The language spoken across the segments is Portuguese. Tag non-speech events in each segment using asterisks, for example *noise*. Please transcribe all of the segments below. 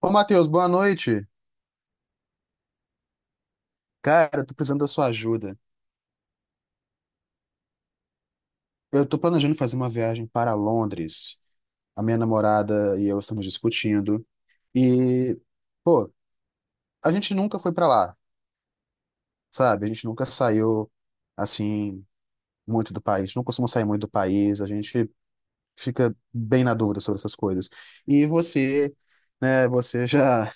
Ô, Matheus, boa noite. Cara, eu tô precisando da sua ajuda. Eu tô planejando fazer uma viagem para Londres. A minha namorada e eu estamos discutindo. E, pô, a gente nunca foi para lá, sabe? A gente nunca saiu, assim, muito do país. Não costuma sair muito do país. A gente fica bem na dúvida sobre essas coisas. E você, né, você já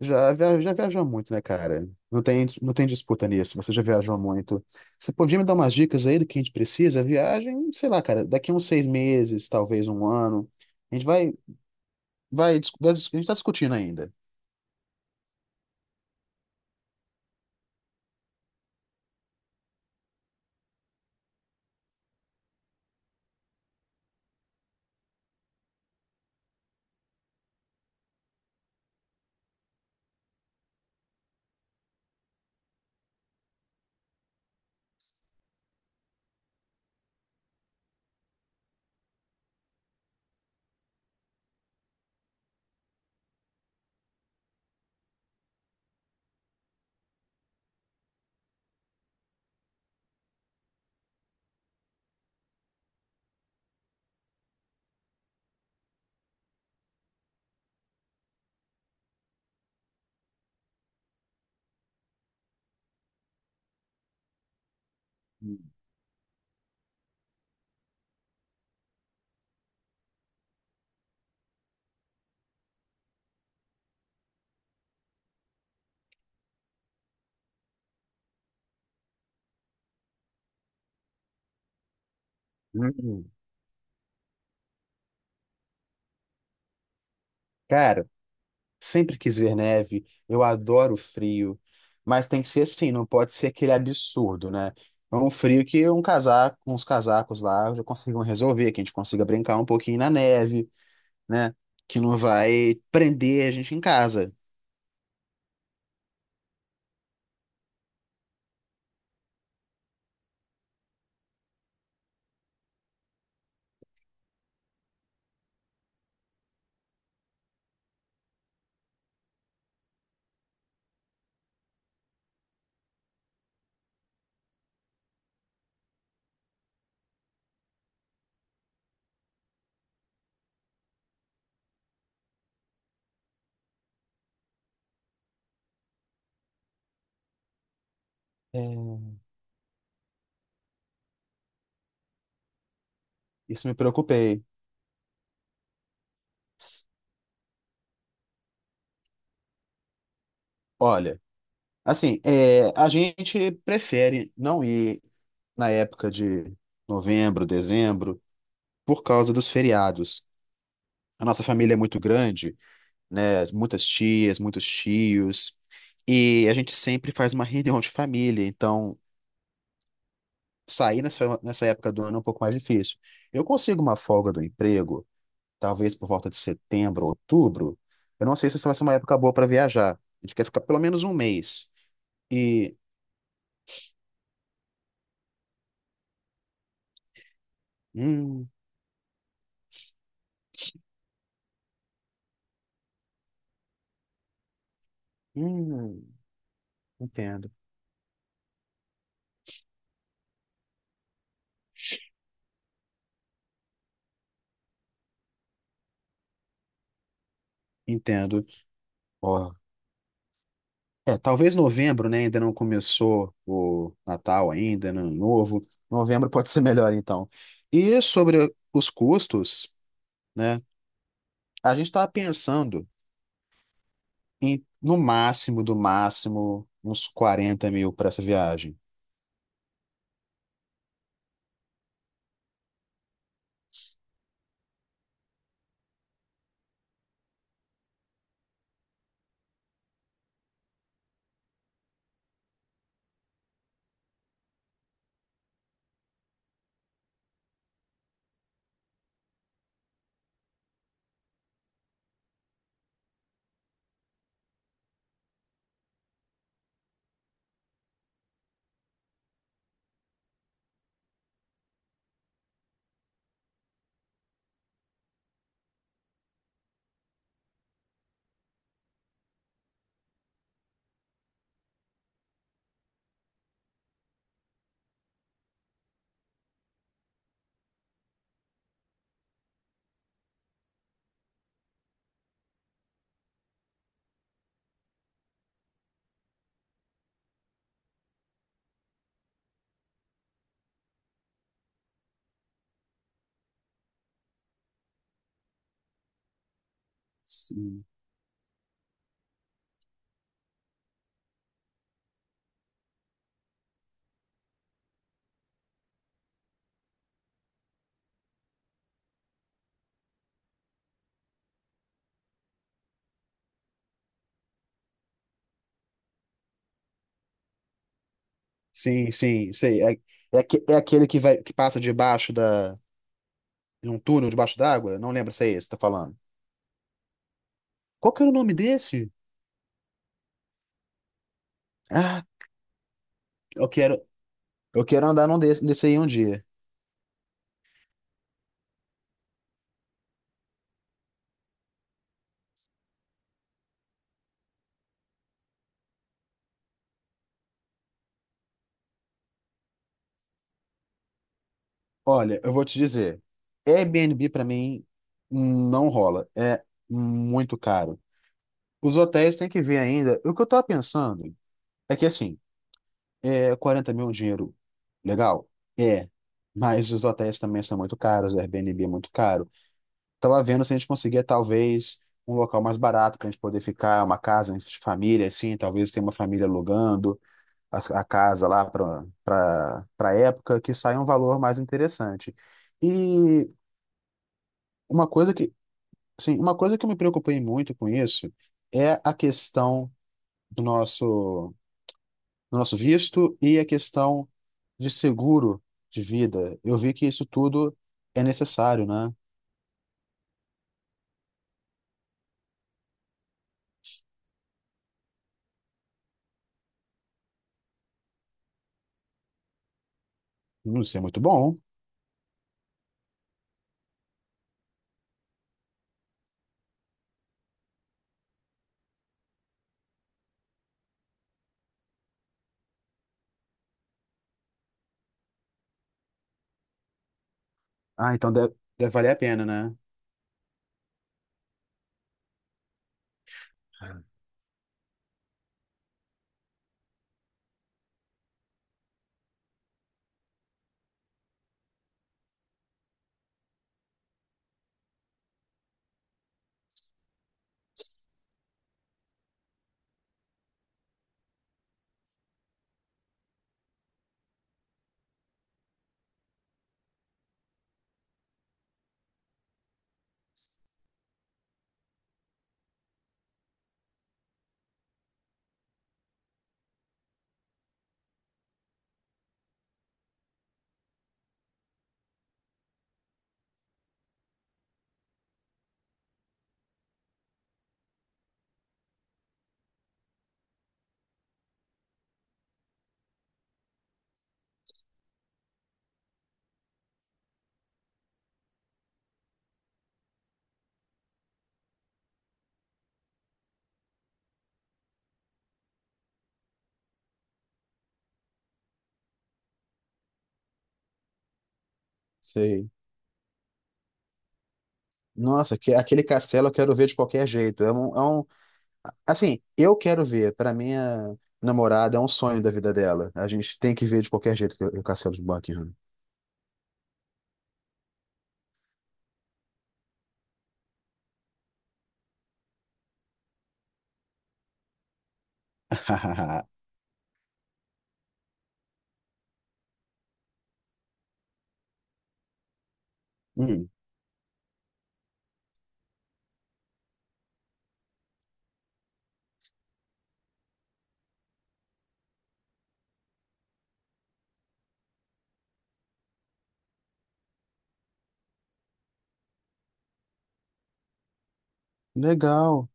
Já, via- já viajou muito, né, cara? Não tem disputa nisso. Você já viajou muito. Você podia me dar umas dicas aí do que a gente precisa? Viagem, sei lá, cara, daqui uns 6 meses, talvez um ano. A gente vai, a gente tá discutindo ainda. Hum. Cara, sempre quis ver neve. Eu adoro frio. Mas tem que ser assim, não pode ser aquele absurdo, né? É um frio que um casaco, uns casacos lá já conseguem resolver, que a gente consiga brincar um pouquinho na neve, né? Que não vai prender a gente em casa. É. Isso me preocupei. Olha, assim, a gente prefere não ir na época de novembro, dezembro, por causa dos feriados. A nossa família é muito grande, né? Muitas tias, muitos tios, e a gente sempre faz uma reunião de família, então sair nessa, nessa época do ano é um pouco mais difícil. Eu consigo uma folga do emprego talvez por volta de setembro, outubro. Eu não sei se isso vai ser uma época boa para viajar. A gente quer ficar pelo menos um mês. E. Hum, hum, entendo. Entendo. Ó, talvez novembro, né? Ainda não começou o Natal ainda, Ano Novo. Novembro pode ser melhor, então. E sobre os custos, né? A gente estava pensando em, no máximo, do máximo, uns 40 mil para essa viagem. Sim, sim, sei. É aquele que vai, que passa debaixo da, num túnel debaixo d'água? Não lembro se é esse que tá falando. Qual que era o nome desse? Ah, eu quero eu quero andar num desse aí um dia. Olha, eu vou te dizer, Airbnb pra mim não rola, é muito caro. Os hotéis tem que ver ainda. O que eu tava pensando é que assim, é 40 mil é um dinheiro legal? É, mas os hotéis também são muito caros, Airbnb é muito caro. Tava vendo se a gente conseguia, talvez, um local mais barato pra gente poder ficar, uma casa de família, assim, talvez tenha uma família alugando as- a, casa lá pra para época, que saia um valor mais interessante. E uma coisa que, sim, uma coisa que eu me preocupei muito com isso é a questão do nosso, do nosso visto e a questão de seguro de vida. Eu vi que isso tudo é necessário, né? Não sei, muito bom. Ah, então deve, deve valer a pena, né? Sei. Nossa, que, aquele castelo eu quero ver de qualquer jeito. Assim, eu quero ver. Para minha namorada, é um sonho da vida dela. A gente tem que ver de qualquer jeito o castelo de Buckingham. *laughs* Hum, legal.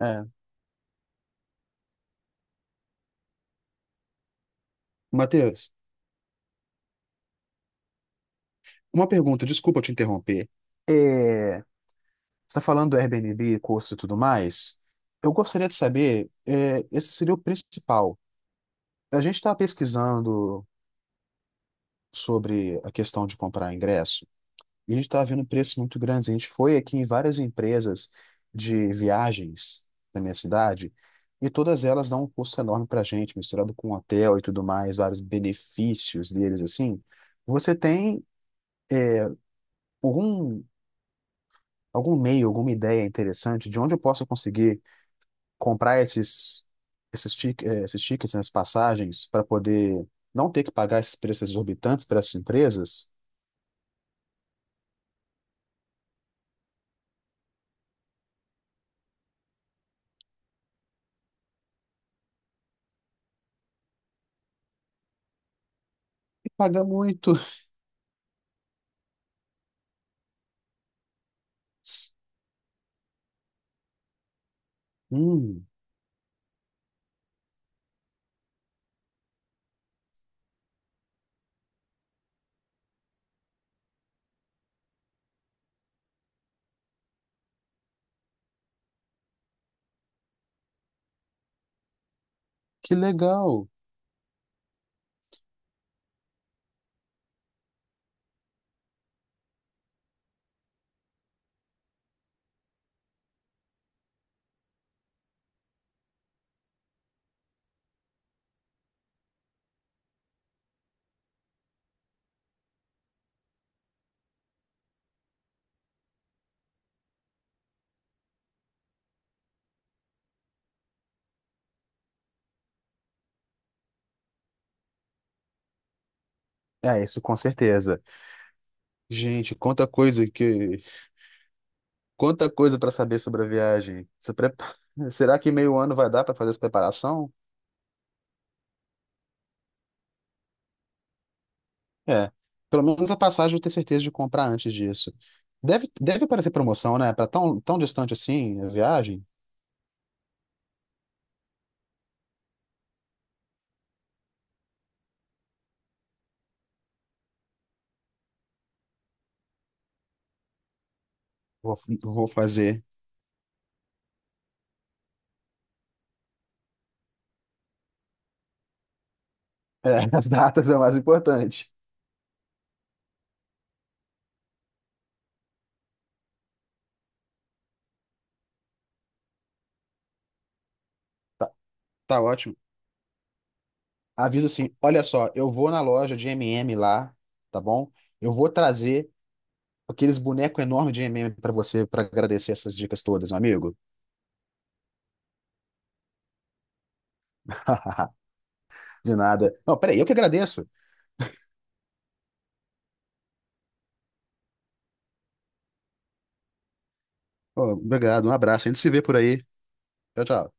É. Matheus, uma pergunta, desculpa te interromper. É, você está falando do Airbnb, curso e tudo mais? Eu gostaria de saber, é, esse seria o principal. A gente está pesquisando sobre a questão de comprar ingresso. E a gente estava vendo preços muito grandes. A gente foi aqui em várias empresas de viagens da minha cidade e todas elas dão um custo enorme para a gente, misturado com hotel e tudo mais, vários benefícios deles assim. Você tem algum, algum meio, alguma ideia interessante de onde eu posso conseguir comprar esses, esses, tic- eh, esses tickets, essas passagens, para poder não ter que pagar esses preços exorbitantes para essas empresas? E pagar muito. Hum, que legal. É, isso com certeza. Gente, quanta coisa para saber sobre a viagem. Se prepa- *laughs* Será que meio ano vai dar para fazer essa preparação? É, pelo menos a passagem eu tenho certeza de comprar antes disso. Deve aparecer promoção, né? Para tão, tão distante assim a viagem, vou, vou fazer. É, *laughs* as datas é o mais importante. Tá, tá ótimo. Avisa assim, olha só, eu vou na loja de M&M lá, tá bom? Eu vou trazer aqueles bonecos enormes de M&M para você para agradecer essas dicas todas, meu amigo. *laughs* De nada. Não, peraí, eu que agradeço. Ó, obrigado, um abraço. A gente se vê por aí. Tchau, tchau.